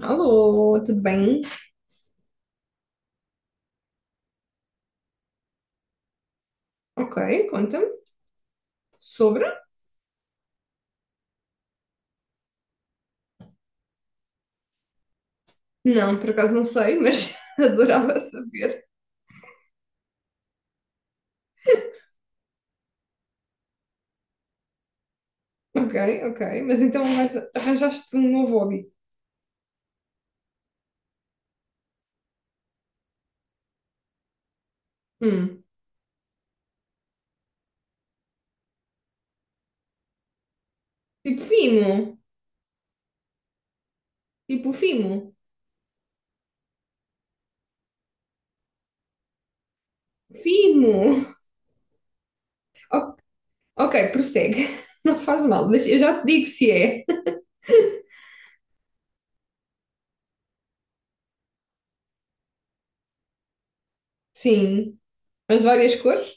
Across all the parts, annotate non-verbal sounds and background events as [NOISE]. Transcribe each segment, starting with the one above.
Alô, tudo bem? Ok, conta-me. Sobre? Não, por acaso não sei, mas [LAUGHS] adorava saber. Ok, ok. Mas então arranjaste um novo hobby. Hum. Tipo Fimo. Tipo Fimo. Fimo. O- ok, prossegue. [LAUGHS] Não faz mal. Deixa- Eu já te digo se é. Sim. Mas de várias cores?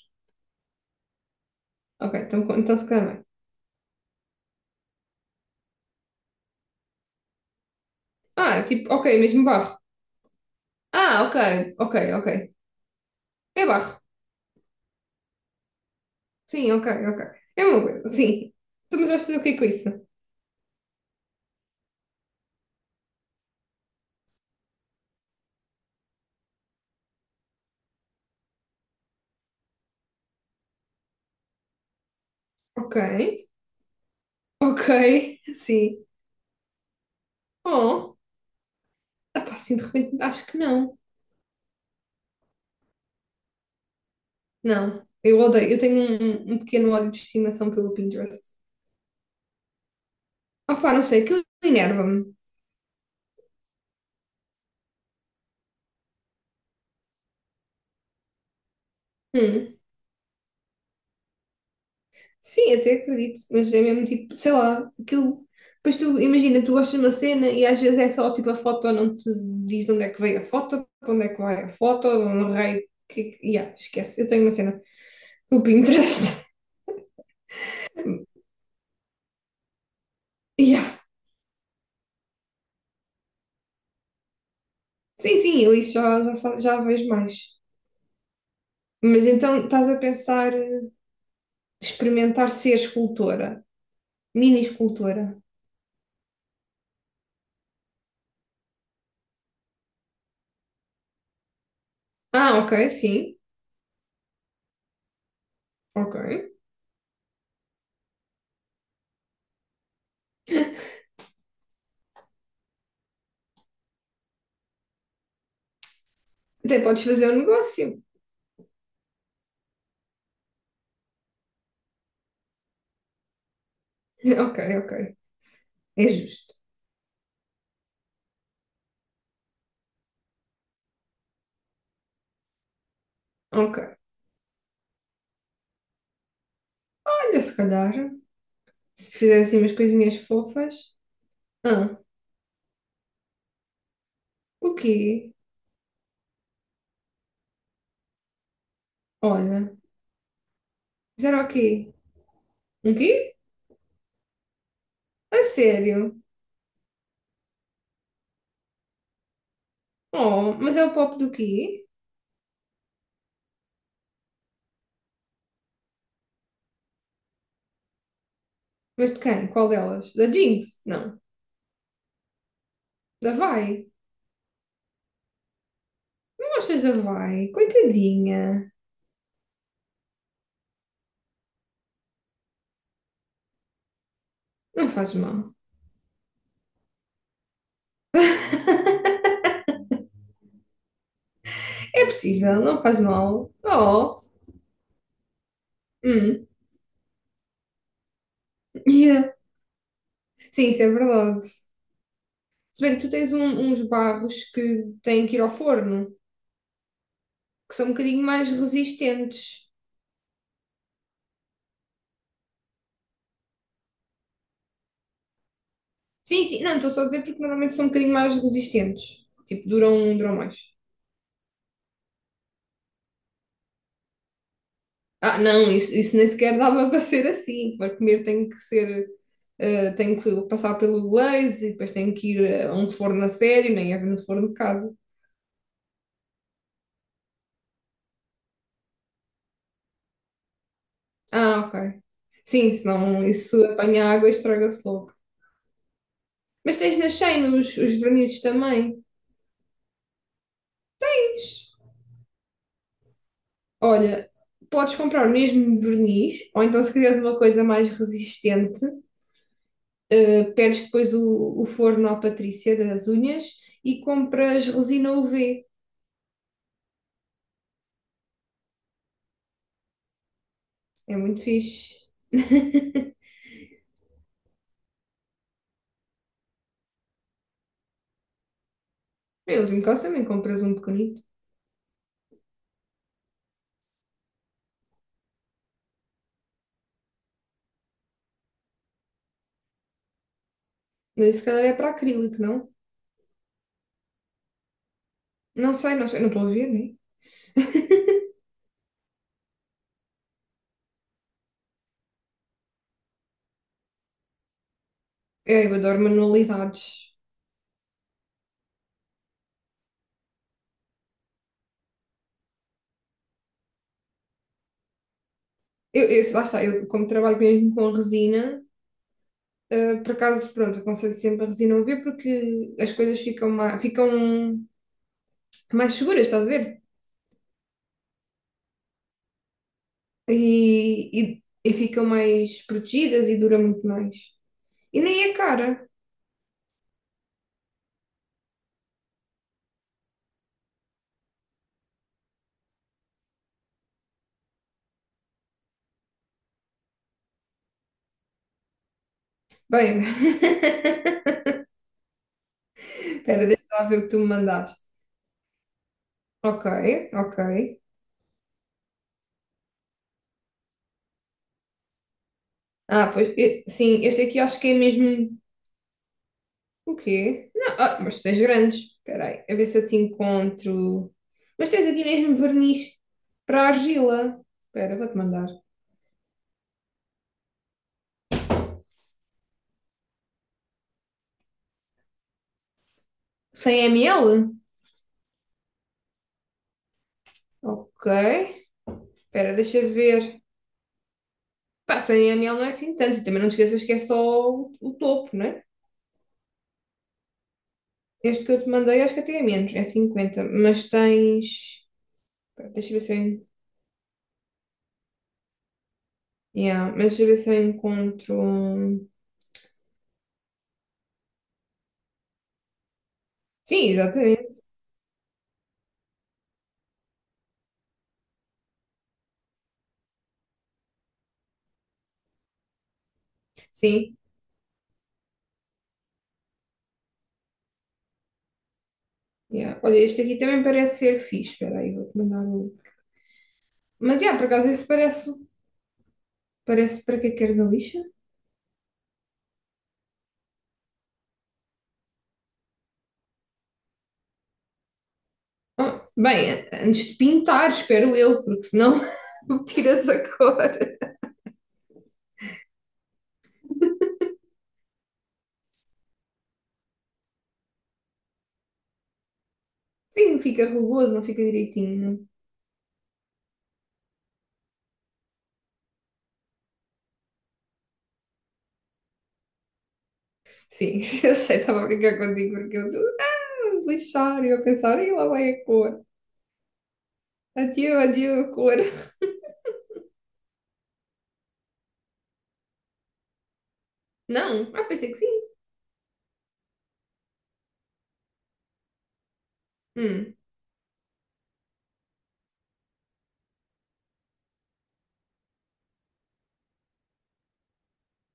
Ok, então, então se calhar. Não é. Ah, tipo, ok, mesmo barro. Ah, ok, ok, ok. É barro. Sim, ok, ok. É uma coisa. Sim. Tu me vais fazer o que com isso? Ok, ok, [LAUGHS] sim. Oh, epá, assim de repente acho que não. Não, eu odeio. Eu tenho um pequeno ódio de estimação pelo Pinterest. Opá, não sei, aquilo enerva-me. Hum. Sim, até acredito, mas é mesmo tipo, sei lá, aquilo. Depois tu imagina, tu gostas de uma cena e às vezes é só tipo a foto, não te diz de onde é que veio a foto, para onde é que vai a foto, de um rei. Que, yeah, esquece, eu tenho uma cena. O Pinterest. [LAUGHS] Yeah. Sim, sim, eu isso já vejo mais. Mas então estás a pensar experimentar ser escultora, mini escultora. Ah, ok, sim, ok. Até podes fazer um negócio. [LAUGHS] Ok, ok. É justo. Ok. Olha, se calhar, se fizer assim umas coisinhas fofas. Ah, o quê? Olha, fizeram o quê? Um quê? A sério? Oh, mas é o pop do quê? Mas de quem? Qual delas? Da Jinx? Não. Da Vai? Não achas da Vai? Coitadinha. Não faz mal. É possível, não faz mal. Oh, hum, yeah. Sim, isso é verdade. Se bem que tu tens uns barros que têm que ir ao forno, que são um bocadinho mais resistentes. Sim, sim, não, estou só a dizer porque normalmente são um bocadinho mais resistentes. Tipo, duram mais. Ah, não, isso nem sequer dava [LAUGHS] para ser assim. Para comer tem que ser, tem que passar pelo glaze e depois tem que ir a um forno a sério, nem é no forno de casa. Ah, ok. Sim, senão isso apanha água e estraga-se logo. Mas tens na Shein os vernizes também. Olha, podes comprar o mesmo verniz, ou então se quiseres uma coisa mais resistente, pedes depois o forno à Patrícia das unhas e compras resina UV. É muito fixe. Eu de caso também compras um pequenito. Mas isso, se calhar é para acrílico, não? Não sei, não sei, não estou a ver, né? É, eu adoro manualidades. Lá está, eu como trabalho mesmo com resina, por acaso, pronto, aconselho sempre a resina UV porque as coisas ficam mais seguras, estás a ver? E, e, e ficam mais protegidas e dura muito mais. E nem é cara. Bem, [LAUGHS] espera, deixa lá ver o que tu me mandaste. Ok, ok. Ah, pois, sim, este aqui acho que é mesmo. O quê? Não, ah, mas tu tens grandes. Espera aí, a ver se eu te encontro. Mas tens aqui mesmo verniz para argila. Espera, vou-te mandar. 100 ml? Ok. Espera, deixa ver. Pá, sem a miel não é assim tanto. E também não te esqueças que é só o topo, não é? Este que eu te mandei acho que até é menos, é 50. Mas tens. Espera, deixa eu ver se eu. En- Yeah, mas deixa eu ver se eu encontro. Um, Sim, exatamente. Sim. Yeah. Olha, este aqui também parece ser fixe. Espera aí, vou-te mandar o Mas, yeah, por acaso, esse parece. Parece para que é que queres a lixa? Ah, bem, antes de pintar, espero eu, porque senão [LAUGHS] tiras a cor. Sim, fica rugoso, não fica direitinho. Sim, [LAUGHS] eu sei, estava a brincar contigo porque eu estava a lixar e eu a pensar, e lá vai a cor. Adieu, adieu a cor. Não, ah, pensei que sim. Hum,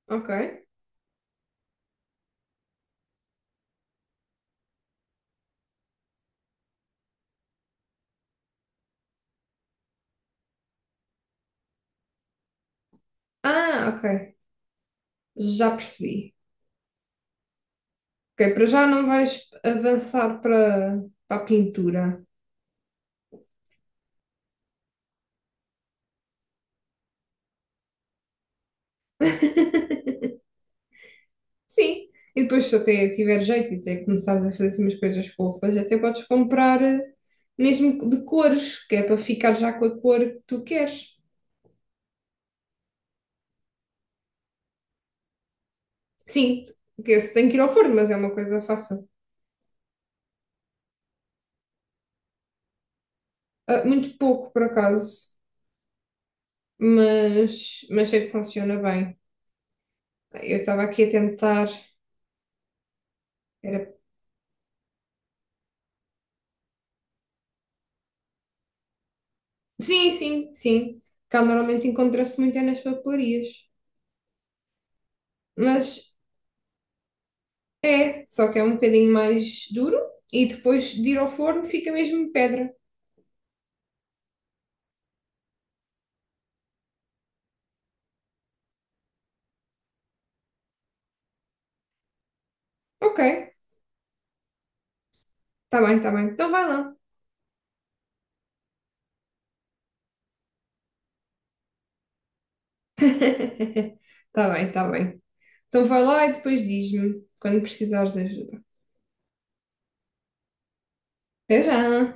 ok. Ah, ok. Já percebi. Ok, para já não vais avançar para, para a pintura. [LAUGHS] Sim. E depois, se até tiver jeito e até começares a fazer assim umas coisas fofas, até podes comprar mesmo de cores, que é para ficar já com a cor que tu queres. Sim, que esse tem que ir ao forno, mas é uma coisa fácil. Ah, muito pouco, por acaso, mas sei que funciona bem. Eu estava aqui a tentar. Era... Sim, sim, sim. Cá normalmente encontra-se muito é nas papelarias. Mas é, só que é um bocadinho mais duro e depois de ir ao forno fica mesmo pedra. Ok, tá bem, tá bem. Então vai lá. [LAUGHS] tá bem, tá bem. Então vai lá e depois diz-me quando precisares de ajuda. Até já!